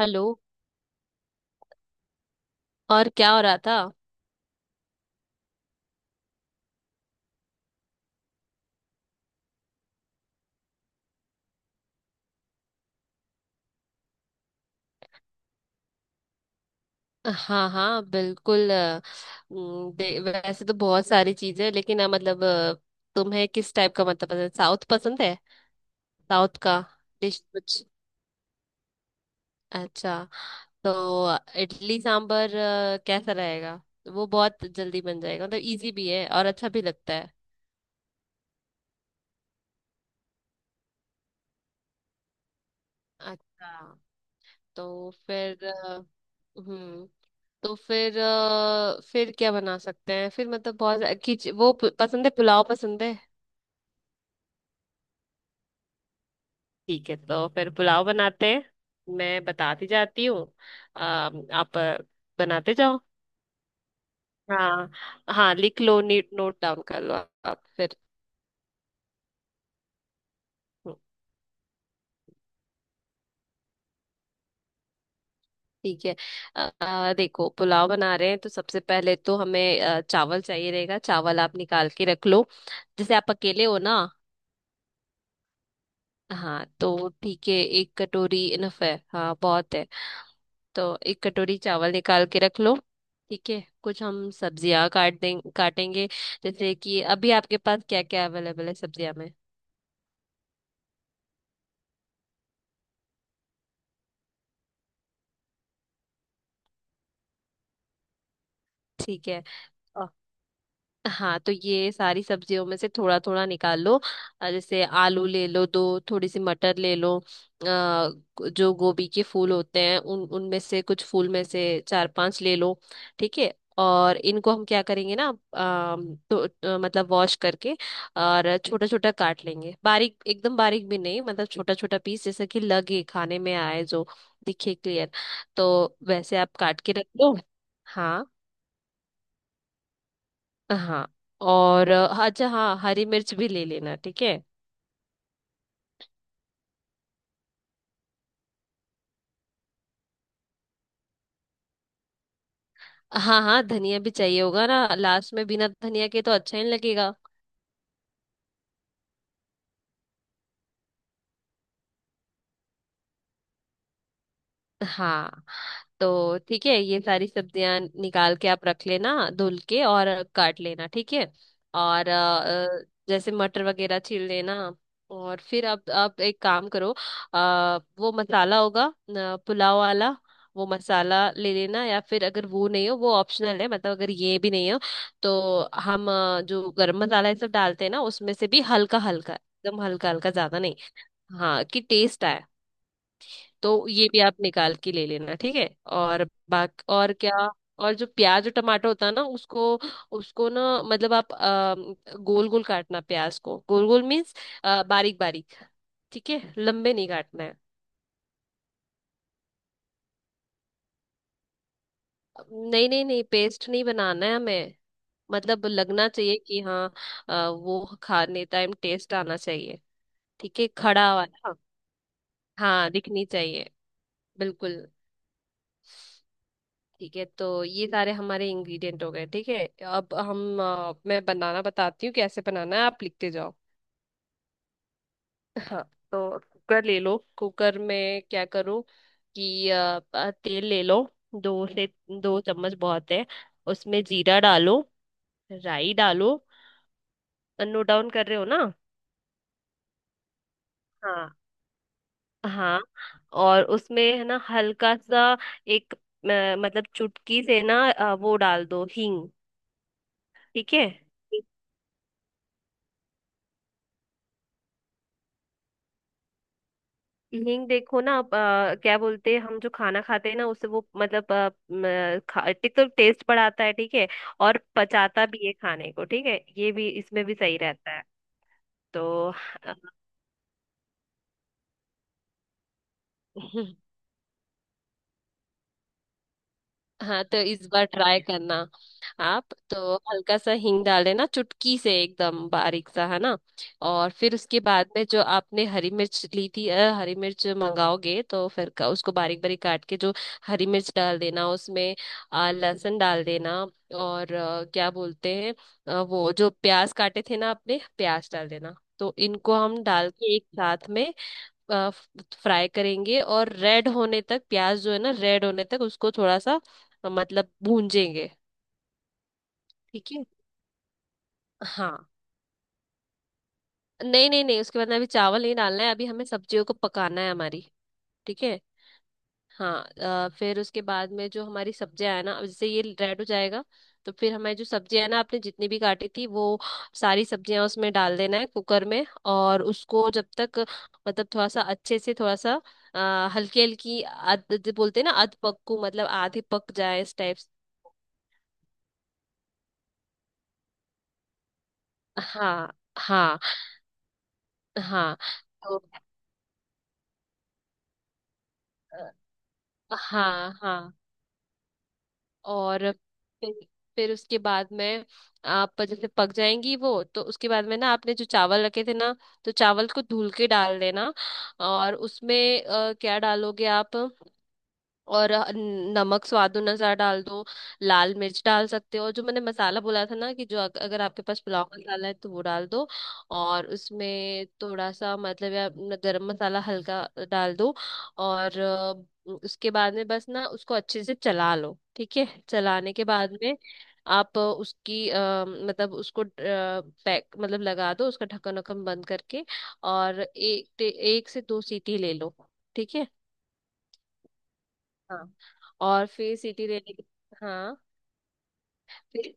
Hello. और क्या हो रहा था। हाँ हाँ बिल्कुल वैसे तो बहुत सारी चीजें हैं, लेकिन मतलब तुम्हें किस टाइप का मतलब पसंद साउथ पसंद है। साउथ का डिश कुछ अच्छा। तो इडली सांबर कैसा रहेगा। वो बहुत जल्दी बन जाएगा मतलब इजी भी है और अच्छा भी लगता है। अच्छा। तो फिर हम्म तो फिर क्या बना सकते हैं फिर मतलब बहुत पसंद है पुलाव पसंद है। ठीक है तो फिर पुलाव बनाते हैं। मैं बताती जाती हूँ। आप बनाते जाओ। हाँ हाँ लिख लो नीट नोट डाउन कर लो आप फिर। हम्म, ठीक है। देखो पुलाव बना रहे हैं तो सबसे पहले तो हमें चावल चाहिए रहेगा चावल आप निकाल के रख लो। जैसे आप अकेले हो ना। हाँ तो ठीक है एक कटोरी इनफ है हाँ बहुत है। तो एक कटोरी चावल निकाल के रख लो। ठीक है कुछ हम सब्जियां काट दें काटेंगे। जैसे कि अभी आपके पास क्या क्या अवेलेबल है सब्जियां में। ठीक है। हाँ तो ये सारी सब्जियों में से थोड़ा थोड़ा निकाल लो। जैसे आलू ले लो दो थोड़ी सी मटर ले लो जो गोभी के फूल होते हैं उन उनमें से कुछ फूल में से चार पांच ले लो। ठीक है और इनको हम क्या करेंगे ना। अम, तो, मतलब वॉश करके और छोटा छोटा काट लेंगे बारीक एकदम बारीक भी नहीं मतलब छोटा छोटा पीस जैसा कि लगे खाने में आए जो दिखे क्लियर। तो वैसे आप काट के रख लो। हाँ हाँ। और अच्छा हाँ हरी मिर्च भी ले लेना ठीक है। हाँ हाँ धनिया भी चाहिए होगा ना लास्ट में बिना धनिया के तो अच्छा ही नहीं लगेगा। हाँ तो ठीक है ये सारी सब्जियां निकाल के आप रख लेना धुल के और काट लेना ठीक है। और अ, जैसे मटर वगैरह छील लेना। और फिर आप एक काम करो। वो मसाला होगा पुलाव वाला वो मसाला ले लेना या फिर अगर वो नहीं हो वो ऑप्शनल है मतलब अगर ये भी नहीं हो तो हम जो गरम मसाला ये सब डालते हैं ना उसमें से भी हल्का हल्का एकदम हल्का हल्का ज्यादा नहीं। हाँ कि टेस्ट आए। तो ये भी आप निकाल के ले लेना ठीक है। और बाकी और क्या। और जो प्याज और टमाटर होता है ना उसको उसको ना मतलब आप गोल गोल काटना प्याज को गोल गोल मीन्स बारीक बारीक ठीक है लंबे नहीं काटना है। नहीं नहीं नहीं पेस्ट नहीं बनाना है हमें। मतलब लगना चाहिए कि हाँ वो खाने टाइम टेस्ट आना चाहिए। ठीक है खड़ा वाला हाँ। हाँ, दिखनी चाहिए बिल्कुल। ठीक है तो ये सारे हमारे इंग्रेडिएंट हो गए ठीक है अब मैं बनाना बताती हूँ कैसे बनाना है आप लिखते जाओ। हाँ। तो कुकर ले लो कुकर में क्या करो कि तेल ले लो दो से दो चम्मच बहुत है। उसमें जीरा डालो राई डालो। नोट डाउन कर रहे हो ना। हाँ हाँ। और उसमें है ना हल्का सा एक मतलब चुटकी से ना वो डाल दो हींग। ठीक है। हींग देखो ना आप, क्या बोलते हैं हम जो खाना खाते हैं ना उससे वो मतलब एक तो टेस्ट बढ़ाता है ठीक है। और पचाता भी है खाने को ठीक है ये भी इसमें भी सही रहता है। तो अ, हाँ तो इस बार ट्राई करना। आप तो हल्का सा हींग डाल देना चुटकी से एकदम बारीक सा है ना। और फिर उसके बाद में जो आपने हरी मिर्च ली थी हरी मिर्च मंगाओगे तो फिर उसको बारीक बारीक काट के जो हरी मिर्च डाल देना उसमें लहसुन डाल देना। और क्या बोलते हैं वो जो प्याज काटे थे ना आपने प्याज डाल देना तो इनको हम डाल के एक साथ में फ्राई करेंगे और रेड होने तक प्याज जो है ना रेड होने तक उसको थोड़ा सा मतलब भूंजेंगे ठीक है। हाँ नहीं नहीं नहीं उसके बाद में अभी चावल नहीं डालना है अभी हमें सब्जियों को पकाना है हमारी। ठीक है हाँ। फिर उसके बाद में जो हमारी सब्जियां है ना अब जैसे ये रेड हो जाएगा तो फिर हमारी जो सब्जियां है ना आपने जितनी भी काटी थी वो सारी सब्जियां उसमें डाल देना है कुकर में और उसको जब तक मतलब थोड़ा सा अच्छे से थोड़ा सा हल्की हल्की अध जो बोलते हैं ना अध पक्कू मतलब आधे पक जाए इस टाइप। हाँ हाँ हाँ तो अ, हाँ हाँ। और फिर उसके बाद में आप जैसे पक जाएंगी वो तो उसके बाद में ना आपने जो चावल रखे थे ना तो चावल को धुल के डाल देना और उसमें क्या डालोगे आप। और नमक स्वाद अनुसार डाल दो। लाल मिर्च डाल सकते हो और जो मैंने मसाला बोला था ना कि जो अगर आपके पास पुलाव मसाला है तो वो डाल दो। और उसमें थोड़ा सा मतलब या अपना गरम मसाला हल्का डाल दो। और उसके बाद में बस ना उसको अच्छे से चला लो ठीक है चलाने के बाद में आप उसकी मतलब उसको पैक मतलब लगा दो उसका ढक्कन वक्कन बंद करके और एक एक से दो सीटी ले लो। ठीक है हाँ। और फिर सिटी रैली हाँ फिर।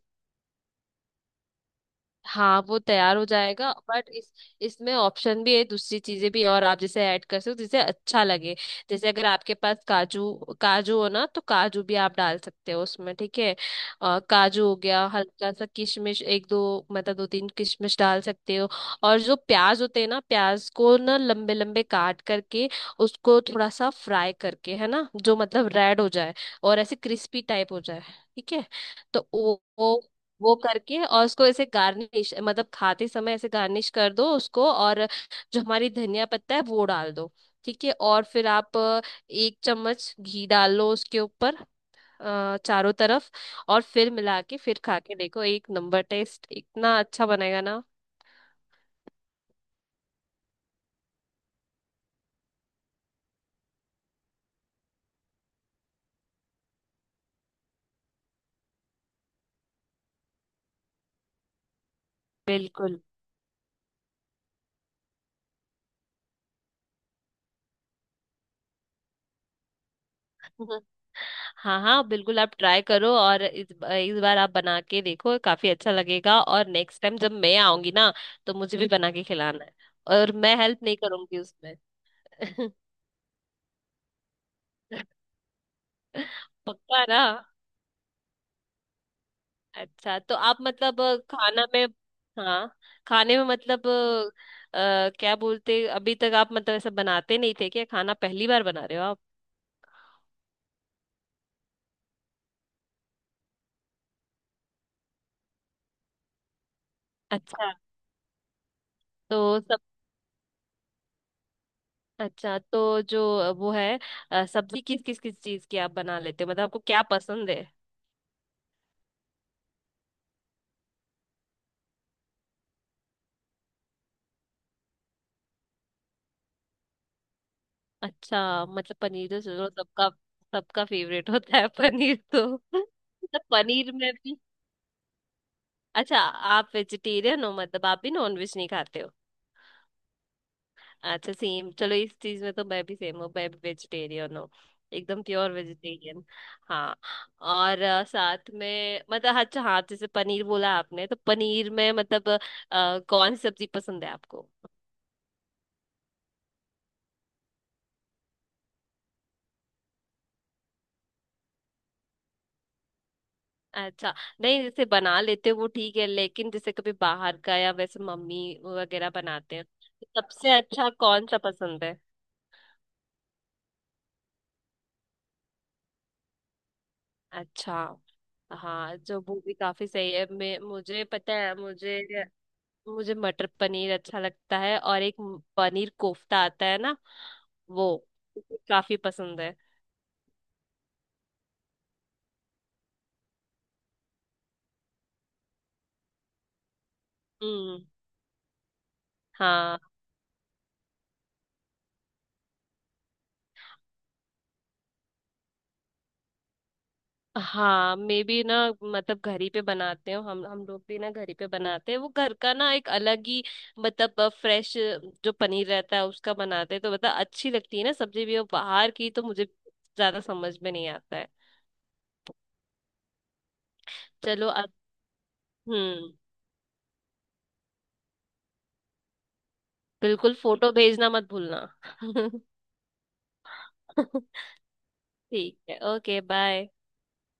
हाँ वो तैयार हो जाएगा बट इस इसमें ऑप्शन भी है दूसरी चीजें भी है और आप जैसे ऐड कर सकते हो जिसे अच्छा लगे। जैसे अगर आपके पास काजू काजू हो ना तो काजू भी आप डाल सकते हो उसमें ठीक है। काजू हो गया हल्का सा किशमिश एक दो मतलब दो तीन किशमिश डाल सकते हो। और जो प्याज होते हैं ना प्याज को ना लंबे लंबे काट करके उसको थोड़ा सा फ्राई करके है ना जो मतलब रेड हो जाए और ऐसे क्रिस्पी टाइप हो जाए ठीक है। तो वो वो करके और उसको ऐसे गार्निश मतलब खाते समय ऐसे गार्निश कर दो उसको और जो हमारी धनिया पत्ता है वो डाल दो ठीक है। और फिर आप एक चम्मच घी डाल लो उसके ऊपर चारों तरफ। और फिर मिला के फिर खा के देखो एक नंबर टेस्ट इतना अच्छा बनेगा ना। बिल्कुल। हाँ हाँ बिल्कुल आप ट्राई करो और इस बार आप बना के देखो काफी अच्छा लगेगा और नेक्स्ट टाइम जब मैं आऊंगी ना तो मुझे भी बना के खिलाना है। और मैं हेल्प नहीं करूंगी उसमें। पक्का ना। अच्छा तो आप मतलब खाना में हाँ खाने में मतलब क्या बोलते अभी तक आप मतलब ऐसा बनाते नहीं थे क्या खाना पहली बार बना रहे हो आप। अच्छा तो सब अच्छा तो जो वो है सब्जी किस किस किस चीज की आप बना लेते हो मतलब आपको क्या पसंद है। अच्छा मतलब पनीर तो चलो सबका सबका फेवरेट होता है पनीर तो। मतलब पनीर में भी अच्छा आप वेजिटेरियन हो मतलब आप भी नॉन वेज नहीं खाते हो। अच्छा सेम चलो इस चीज में तो मैं भी सेम हूँ मैं भी वेजिटेरियन हूँ एकदम प्योर वेजिटेरियन। हाँ और साथ में मतलब अच्छा हाँ जैसे पनीर बोला आपने तो पनीर में मतलब कौन सी सब्जी पसंद है आपको। अच्छा नहीं जैसे बना लेते हो वो ठीक है लेकिन जैसे कभी बाहर का या वैसे मम्मी वगैरह बनाते हैं तो सबसे अच्छा कौन सा पसंद है। अच्छा हाँ जो वो भी काफी सही है मैं मुझे पता है मुझे मुझे मटर पनीर अच्छा लगता है और एक पनीर कोफ्ता आता है ना वो काफी पसंद है। हम्म। हाँ हाँ मे बी ना मतलब घर ही पे बनाते हो हम लोग भी ना घर ही पे बनाते हैं वो घर का ना एक अलग ही मतलब फ्रेश जो पनीर रहता है उसका बनाते हैं तो मतलब अच्छी लगती है ना सब्जी भी और बाहर की तो मुझे ज्यादा समझ में नहीं आता है। चलो अब। हम्म। बिल्कुल फोटो भेजना मत भूलना। ठीक है ओके बाय।